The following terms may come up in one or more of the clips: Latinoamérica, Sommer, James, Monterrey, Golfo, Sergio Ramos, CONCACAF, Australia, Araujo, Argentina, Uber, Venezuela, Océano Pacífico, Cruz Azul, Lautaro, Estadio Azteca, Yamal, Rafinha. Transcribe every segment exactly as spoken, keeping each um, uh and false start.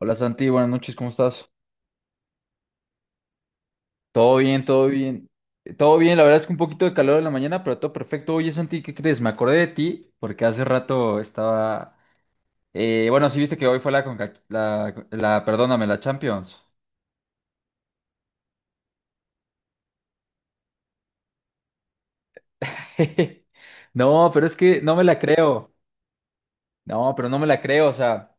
Hola Santi, buenas noches, ¿cómo estás? Todo bien, todo bien. Eh, Todo bien, la verdad es que un poquito de calor en la mañana, pero todo perfecto. Oye Santi, ¿qué crees? Me acordé de ti porque hace rato estaba. Eh, bueno, sí viste que hoy fue la, Conca- la, la, perdóname, la Champions. No, pero es que no me la creo. No, pero no me la creo. O sea,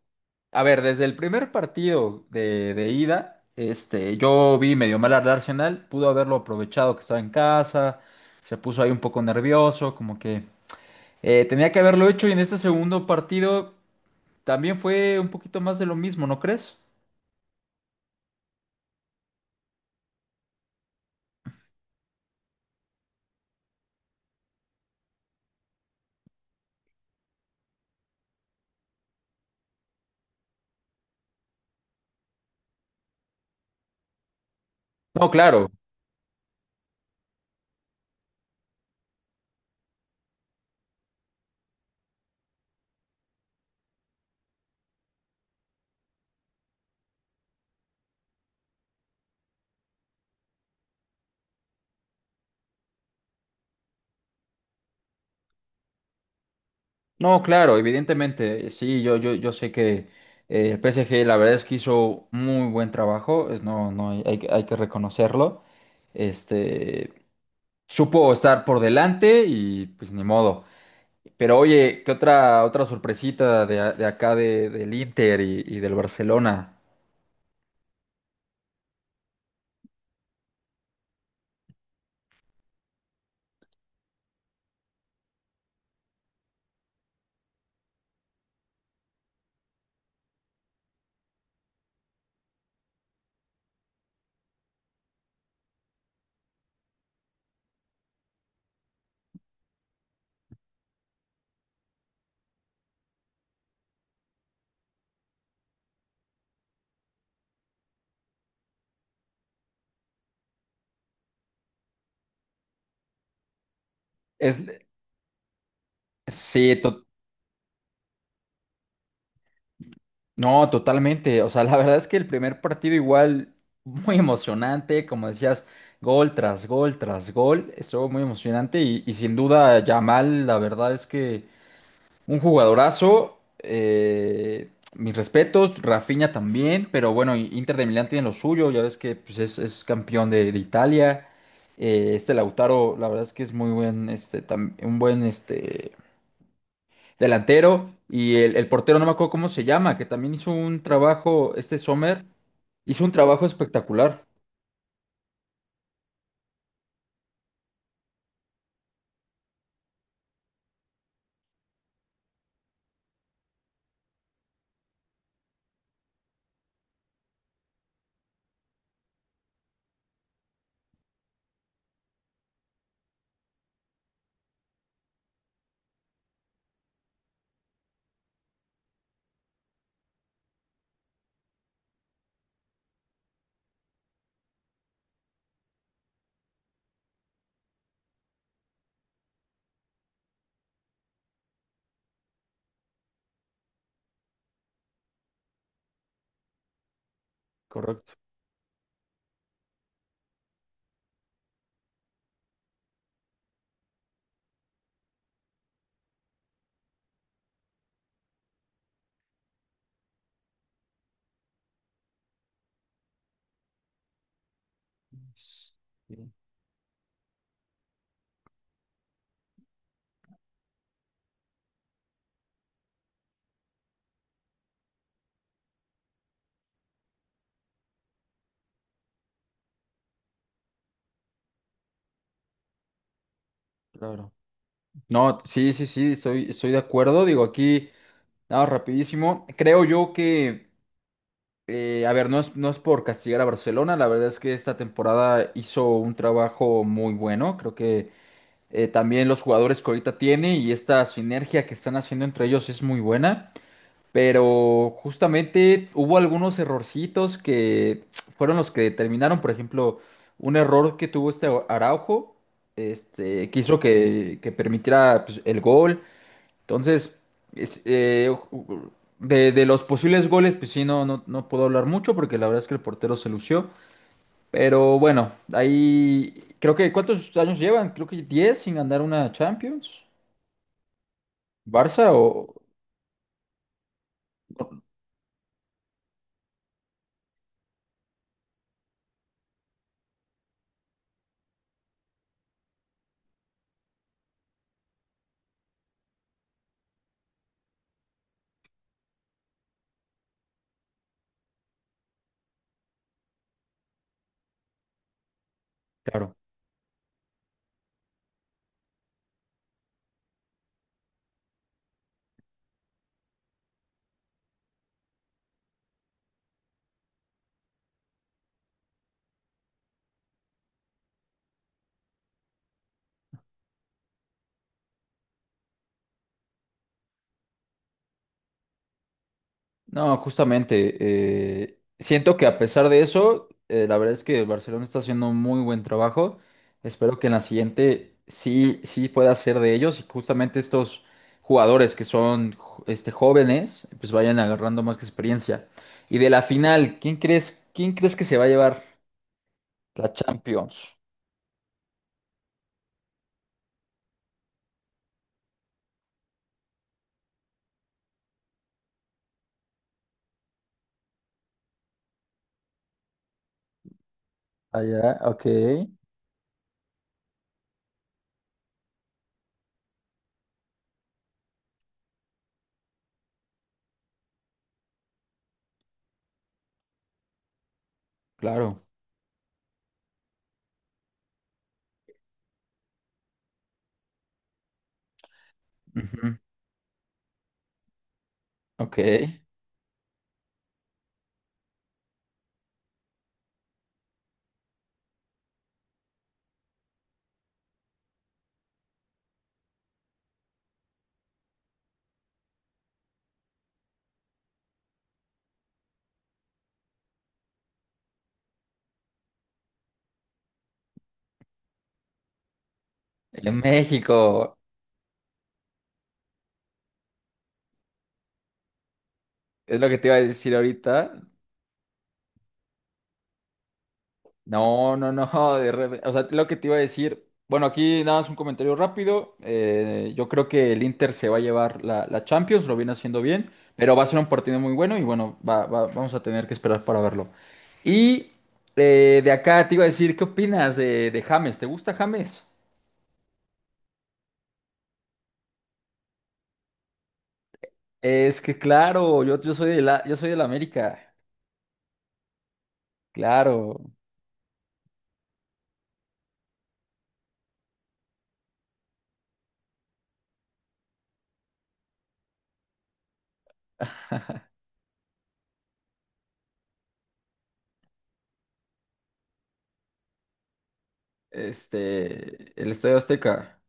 a ver, desde el primer partido de, de ida, este, yo vi medio mal al Arsenal, pudo haberlo aprovechado que estaba en casa, se puso ahí un poco nervioso, como que. Eh, tenía que haberlo hecho y en este segundo partido también fue un poquito más de lo mismo, ¿no crees? No, claro, no, claro, evidentemente, sí, yo, yo, yo sé que eh, el P S G la verdad es que hizo muy buen trabajo, es, no, no, hay, hay que hay que reconocerlo, este, supo estar por delante y pues ni modo. Pero oye, ¿qué otra, otra sorpresita de, a- de acá de- del Inter y, y del Barcelona? Es, sí. No, totalmente. O sea, la verdad es que el primer partido igual muy emocionante, como decías, gol tras gol tras gol, estuvo muy emocionante y, y sin duda Yamal, la verdad es que un jugadorazo, eh, mis respetos, Rafinha también, pero bueno, y- Inter de Milán tiene lo suyo, ya ves que pues, es, es campeón de, de Italia. Eh, este Lautaro, la verdad es que es muy buen, este, tam- un buen este, delantero, y el, el portero, no me acuerdo cómo se llama, que también hizo un trabajo, este Sommer, hizo un trabajo espectacular. Correcto. Sí, claro. No, sí, sí, sí, estoy, estoy de acuerdo. Digo, aquí, nada, rapidísimo. Creo yo que, eh, a ver, no es, no es por castigar a Barcelona, la verdad es que esta temporada hizo un trabajo muy bueno. Creo que eh, también los jugadores que ahorita tiene y esta sinergia que están haciendo entre ellos es muy buena. Pero justamente hubo algunos errorcitos que fueron los que determinaron, por ejemplo, un error que tuvo este Araujo, este, que hizo que, que permitiera pues, el gol. Entonces, es- eh, ju- de, de los posibles goles, pues sí, no, no, no puedo hablar mucho porque la verdad es que el portero se lució. Pero bueno, ahí creo que ¿cuántos años llevan? Creo que diez sin ganar una Champions. Barça o. Claro. No, justamente, eh, siento que a pesar de eso, eh, la verdad es que el Barcelona está haciendo un muy buen trabajo. Espero que en la siguiente sí, sí pueda ser de ellos y justamente estos jugadores que son jo- este, jóvenes, pues vayan agarrando más experiencia. Y de la final, ¿quién crees, quién crees que se va a llevar la Champions? Allá, ok, claro. Ujú, ok. En México, es lo que te iba a decir ahorita. No, no, no, de repente, o sea, lo que te iba a decir, bueno, aquí nada más un comentario rápido, eh, yo creo que el Inter se va a llevar la, la Champions, lo viene haciendo bien, pero va a ser un partido muy bueno y bueno, va- va- vamos a tener que esperar para verlo. Y eh, de acá te iba a decir, ¿qué opinas de, de James? ¿Te gusta James? Es que claro, yo, yo soy de la, yo soy del América, claro. Este, el Estadio Azteca.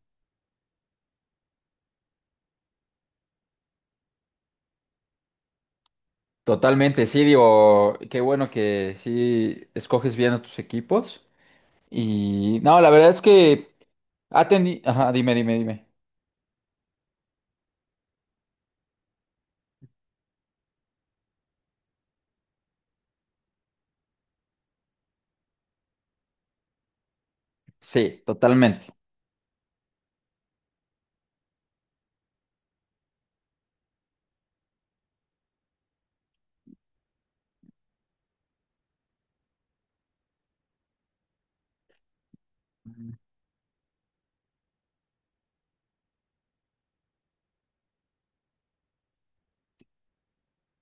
Totalmente, sí, digo, qué bueno que sí escoges bien a tus equipos. Y no, la verdad es que ha tenido. Ajá, dime, dime, dime. Sí, totalmente.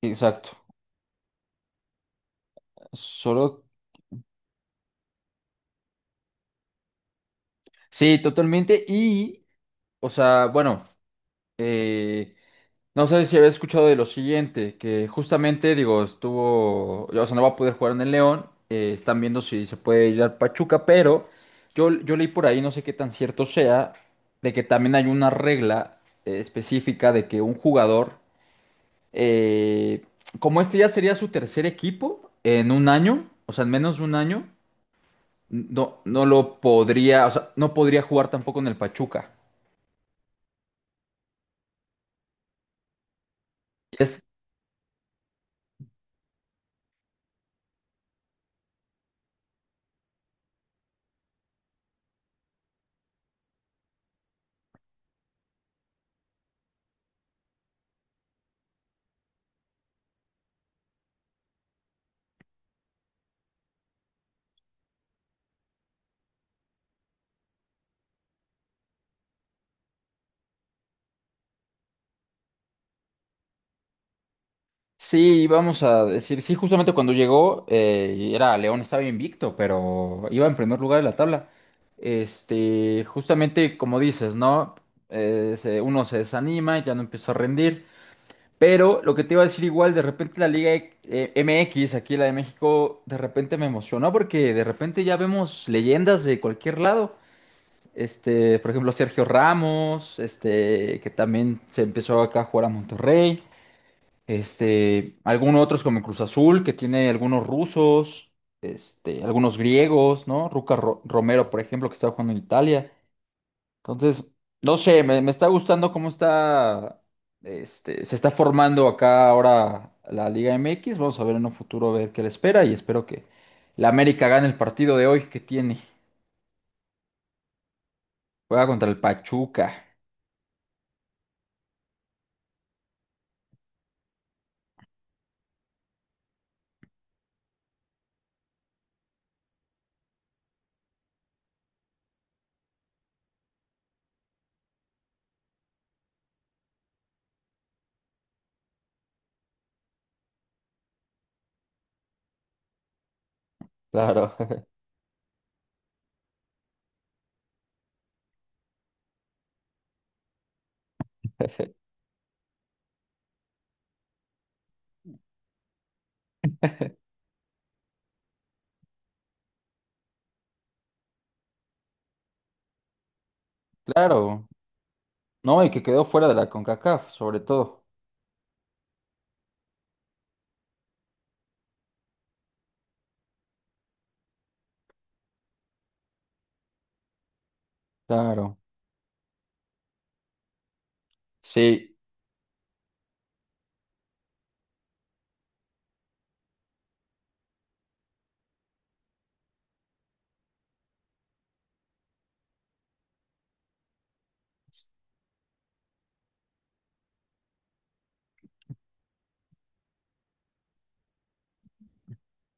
Exacto. Solo. Sí, totalmente. Y, o sea, bueno. Eh, no sé si había escuchado de lo siguiente, que justamente, digo, estuvo, o sea, no va a poder jugar en el León, eh, están viendo si se puede ir al Pachuca, pero yo, yo leí por ahí, no sé qué tan cierto sea, de que también hay una regla eh, específica de que un jugador, eh, como este ya sería su tercer equipo en un año, o sea, en menos de un año, no, no lo podría, o sea, no podría jugar tampoco en el Pachuca. Sí, vamos a decir, sí, justamente cuando llegó, eh, y era León, estaba invicto, pero iba en primer lugar de la tabla. Este, justamente como dices, ¿no? Eh, se- uno se desanima, ya no empieza a rendir, pero lo que te iba a decir igual, de repente la Liga eh, M X, aquí la de México, de repente me emocionó porque de repente ya vemos leyendas de cualquier lado. Este, por ejemplo, Sergio Ramos, este, que también se empezó acá a jugar a Monterrey. Este, algunos otros como Cruz Azul, que tiene algunos rusos, este, algunos griegos, ¿no? Ruca Ro- Romero, por ejemplo, que está jugando en Italia. Entonces, no sé, me, me está gustando cómo está, este, se está formando acá ahora la Liga M X. Vamos a ver en un futuro a ver qué le espera y espero que la América gane el partido de hoy que tiene. Juega contra el Pachuca, claro. Claro, ¿no? Y que quedó fuera de la CONCACAF, sobre todo, claro, sí.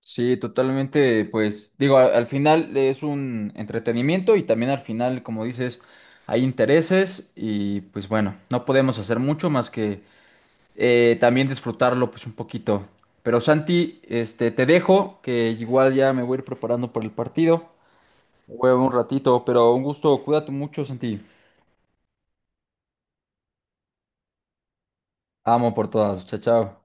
Sí, totalmente, pues digo, a- al final es un entretenimiento y también al final, como dices, hay intereses y pues bueno, no podemos hacer mucho más que eh, también disfrutarlo pues un poquito. Pero Santi, este, te dejo, que igual ya me voy a ir preparando para el partido. Voy a ver un ratito, pero un gusto, cuídate mucho, Santi. Amo por todas, chao, chao.